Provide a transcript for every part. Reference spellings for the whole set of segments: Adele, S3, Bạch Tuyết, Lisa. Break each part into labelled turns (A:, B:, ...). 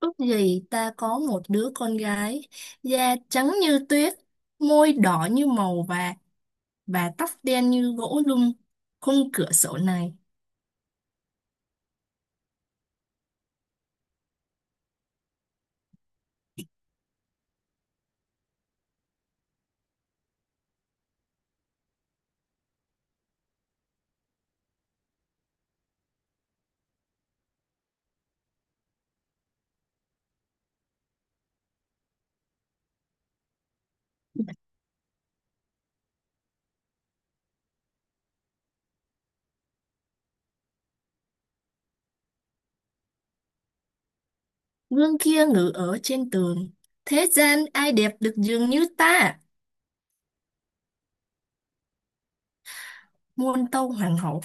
A: Ước gì ta có một đứa con gái, da trắng như tuyết, môi đỏ như màu vàng và tóc đen như gỗ lung. Khung cửa sổ này, gương kia ngự ở trên tường. Thế gian ai đẹp được dường như ta? Muôn tâu hoàng hậu,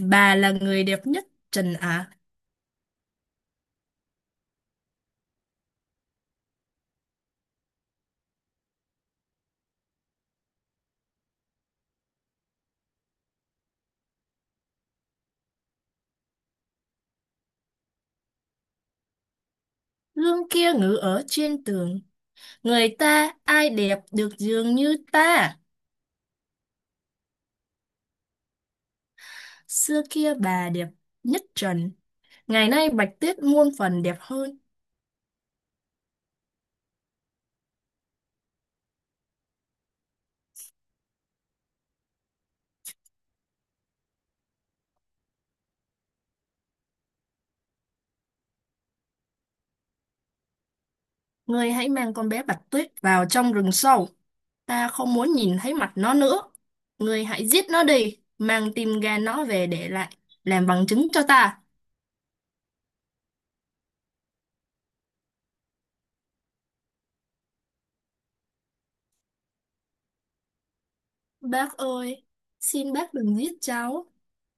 A: bà là người đẹp nhất trần ạ. Gương kia ngự ở trên tường, người ta ai đẹp được dường như ta? Xưa kia bà đẹp nhất trần, ngày nay Bạch Tuyết muôn phần đẹp hơn. Ngươi hãy mang con bé Bạch Tuyết vào trong rừng sâu. Ta không muốn nhìn thấy mặt nó nữa. Ngươi hãy giết nó đi, mang tim gan nó về để lại, làm bằng chứng cho ta. Bác ơi, xin bác đừng giết cháu.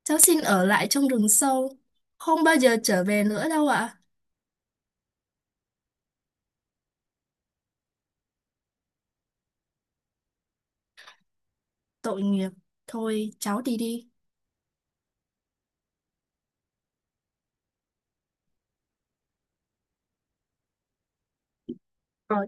A: Cháu xin ở lại trong rừng sâu. Không bao giờ trở về nữa đâu ạ. Tội nghiệp. Thôi, cháu đi đi. Rồi,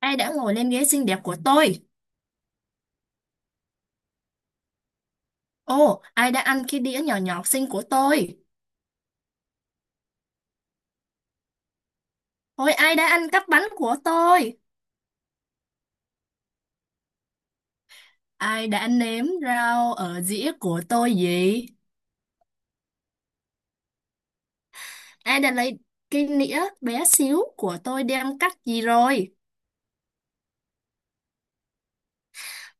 A: ai đã ngồi lên ghế xinh đẹp của tôi? Ồ, ai đã ăn cái đĩa nhỏ nhỏ xinh của tôi? Ôi, ai đã ăn cắp bánh của tôi? Ai đã nếm rau ở dĩa của tôi gì? Ai đã lấy cái nĩa bé xíu của tôi đem cắt gì rồi?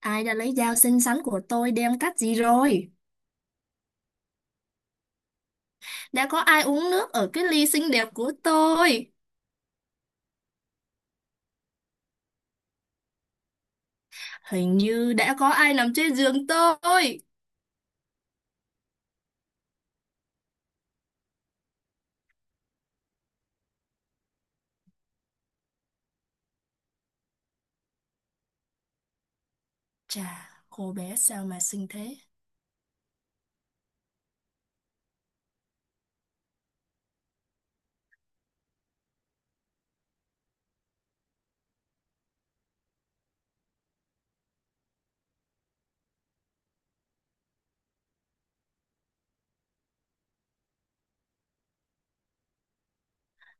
A: Ai đã lấy dao xinh xắn của tôi đem cắt gì rồi? Đã có ai uống nước ở cái ly xinh đẹp của tôi? Hình như đã có ai nằm trên giường tôi. Chà, cô bé sao mà xinh thế?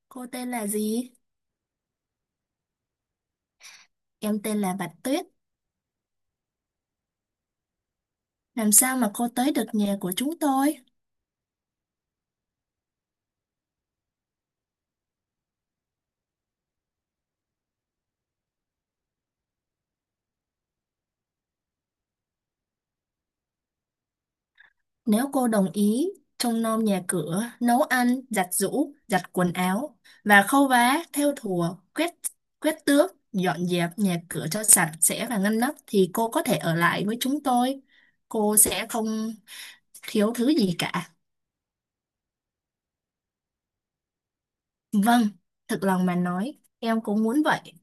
A: Cô tên là gì? Em tên là Bạch Tuyết. Làm sao mà cô tới được nhà của chúng tôi? Nếu cô đồng ý, trông nom nhà cửa, nấu ăn, giặt giũ, giặt quần áo và khâu vá, thêu thùa, quét quét tước, dọn dẹp nhà cửa cho sạch sẽ và ngăn nắp thì cô có thể ở lại với chúng tôi. Cô sẽ không thiếu thứ gì cả. Vâng, thực lòng mà nói, em cũng muốn vậy.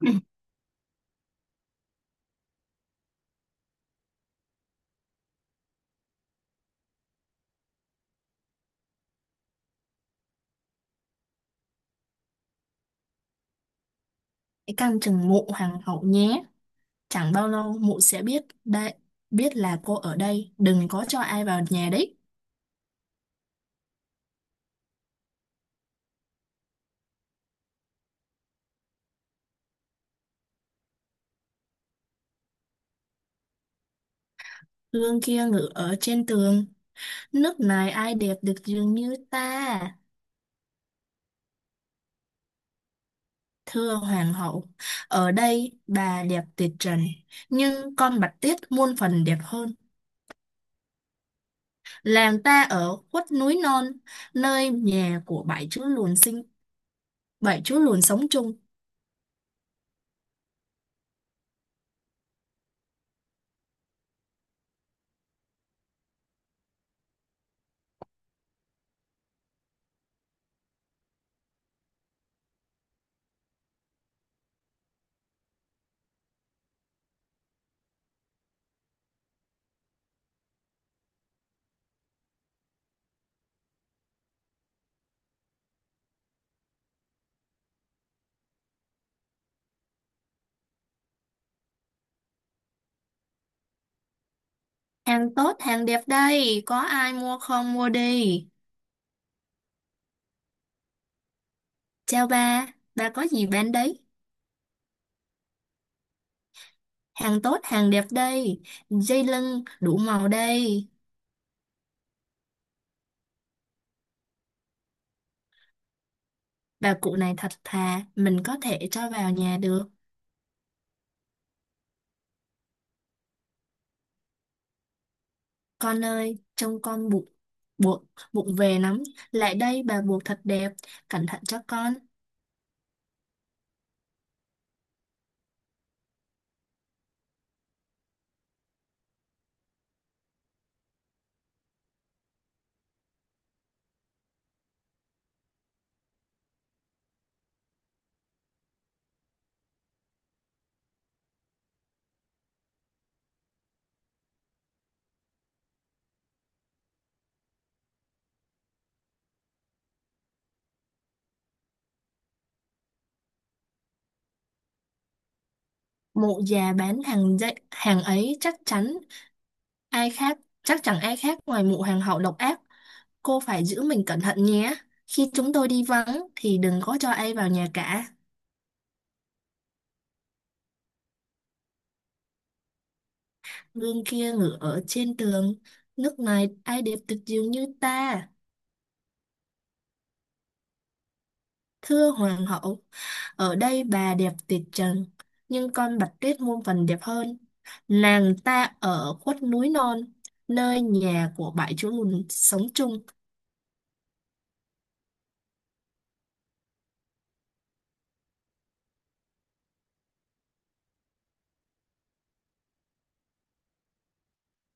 A: Hãy canh chừng mụ hoàng hậu nhé. Chẳng bao lâu mụ sẽ biết đây, biết là cô ở đây, đừng có cho ai vào nhà đấy. Gương kia ngự ở trên tường. Nước này ai đẹp được dường như ta, thưa hoàng hậu. Ở đây bà đẹp tuyệt trần, nhưng con Bạch Tuyết muôn phần đẹp hơn. Làng ta ở khuất núi non, nơi nhà của bảy chú lùn sinh, bảy chú lùn sống chung. Hàng tốt, hàng đẹp đây, có ai mua không mua đi. Chào bà có gì bán đấy? Hàng tốt, hàng đẹp đây, dây lưng đủ màu đây. Bà cụ này thật thà, mình có thể cho vào nhà được. Con ơi, trông con bụng bụng bụng về lắm. Lại đây bà buộc thật đẹp, cẩn thận cho con. Mụ già bán hàng dạy, hàng ấy chắc chắn ai khác, chắc chẳng ai khác ngoài mụ hàng hậu độc ác. Cô phải giữ mình cẩn thận nhé. Khi chúng tôi đi vắng thì đừng có cho ai vào nhà cả. Gương kia ngửa ở trên tường, nước này ai đẹp tuyệt diệu như ta. Thưa hoàng hậu, ở đây bà đẹp tuyệt trần, nhưng con Bạch Tuyết muôn phần đẹp hơn. Nàng ta ở khuất núi non, nơi nhà của bảy chú lùn sống chung.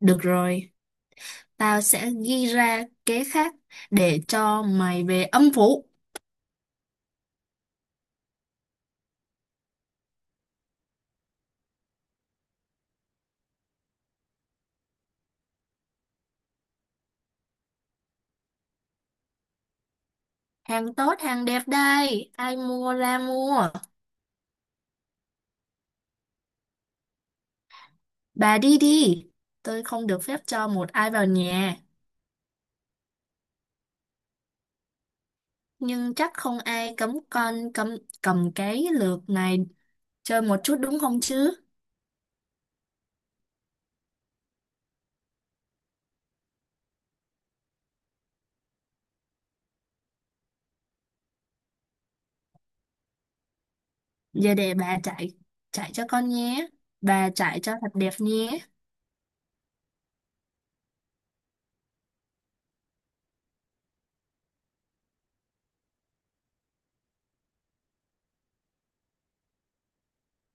A: Được rồi, tao sẽ ghi ra kế khác để cho mày về âm phủ. Hàng tốt, hàng đẹp đây, ai mua ra mua. Bà đi đi, tôi không được phép cho một ai vào nhà. Nhưng chắc không ai cấm con cầm cái lược này chơi một chút đúng không chứ? Giờ để bà chạy chạy cho con nhé. Bà chạy cho thật đẹp nhé.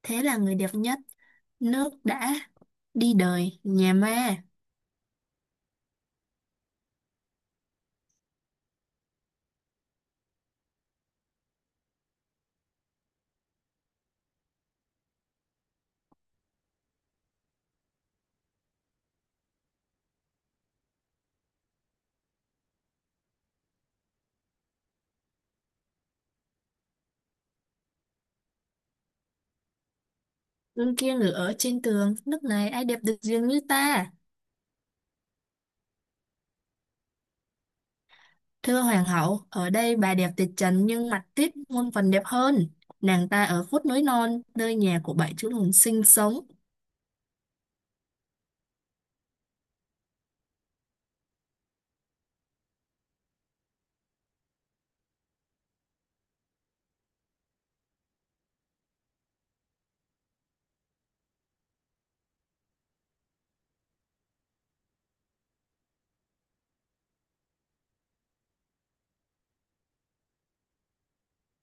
A: Thế là người đẹp nhất. Nước đã đi đời nhà ma. Gương kia ngự ở trên tường. Nước này ai đẹp được riêng như ta. Thưa hoàng hậu, ở đây bà đẹp tuyệt trần nhưng mặt tiết muôn phần đẹp hơn. Nàng ta ở khuất núi non, nơi nhà của bảy chú lùn sinh sống.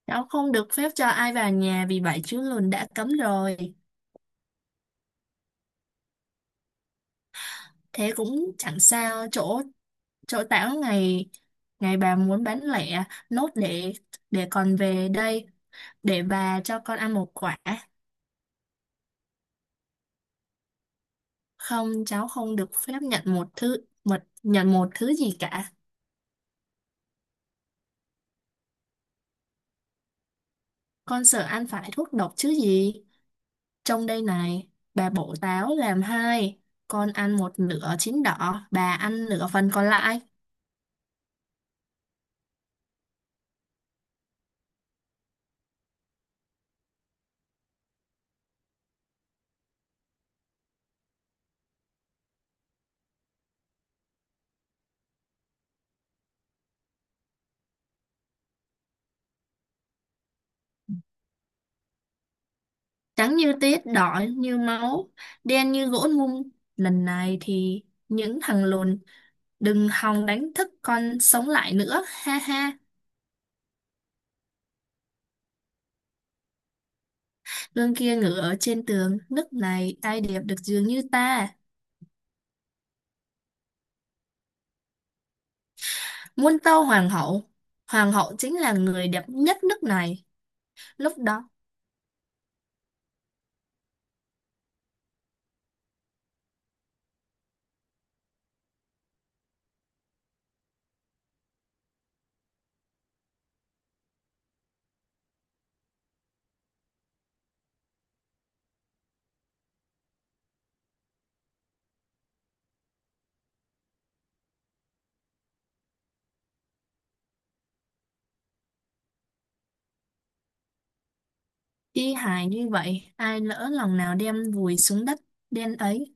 A: Cháu không được phép cho ai vào nhà vì bảy chú lùn đã cấm rồi. Thế cũng chẳng sao, chỗ chỗ tảo ngày ngày bà muốn bán lẻ nốt để còn về đây để bà cho con ăn một quả. Không, cháu không được phép nhận một thứ mật nhận một thứ gì cả. Con sợ ăn phải thuốc độc chứ gì, trong đây này bà bổ táo làm hai, con ăn một nửa chín đỏ bà ăn nửa phần còn lại. Trắng như tiết, đỏ như máu, đen như gỗ mung, lần này thì những thằng lùn đừng hòng đánh thức con sống lại nữa, ha ha. Gương kia ngự ở trên tường, nước này ai đẹp được dường như ta. Muôn tâu hoàng hậu chính là người đẹp nhất nước này. Lúc đó, y hài như vậy, ai lỡ lòng nào đem vùi xuống đất đen ấy,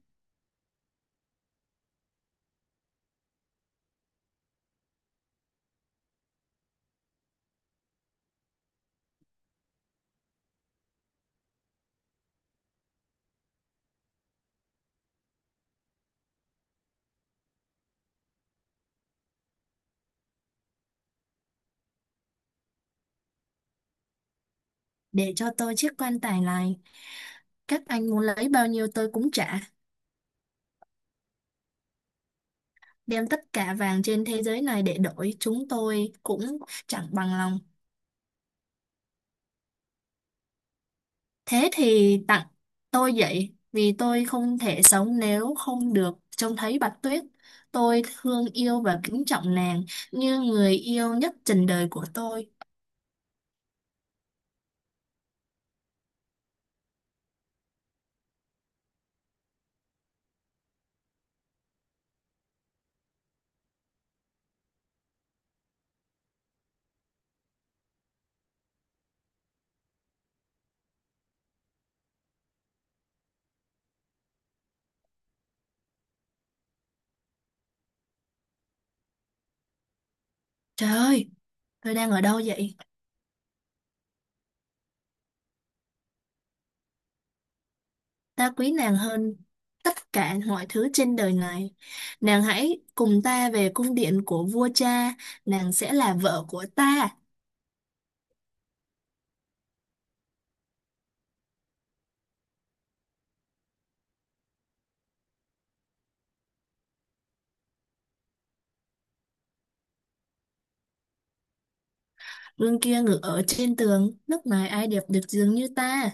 A: để cho tôi chiếc quan tài này. Các anh muốn lấy bao nhiêu tôi cũng trả, đem tất cả vàng trên thế giới này để đổi, chúng tôi cũng chẳng bằng lòng. Thế thì tặng tôi vậy, vì tôi không thể sống nếu không được trông thấy Bạch Tuyết. Tôi thương yêu và kính trọng nàng như người yêu nhất trần đời của tôi. Trời ơi, tôi đang ở đâu vậy? Ta quý nàng hơn tất cả mọi thứ trên đời này. Nàng hãy cùng ta về cung điện của vua cha, nàng sẽ là vợ của ta. Gương kia ngự ở trên tường, lúc này ai đẹp được dường như ta.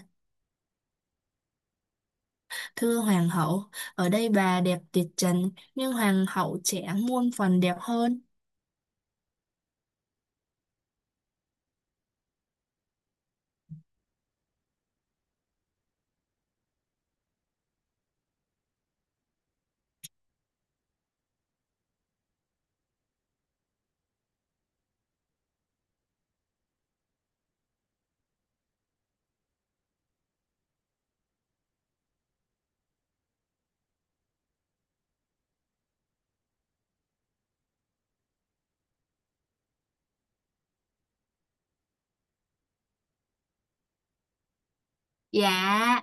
A: Thưa hoàng hậu, ở đây bà đẹp tuyệt trần, nhưng hoàng hậu trẻ muôn phần đẹp hơn. Dạ.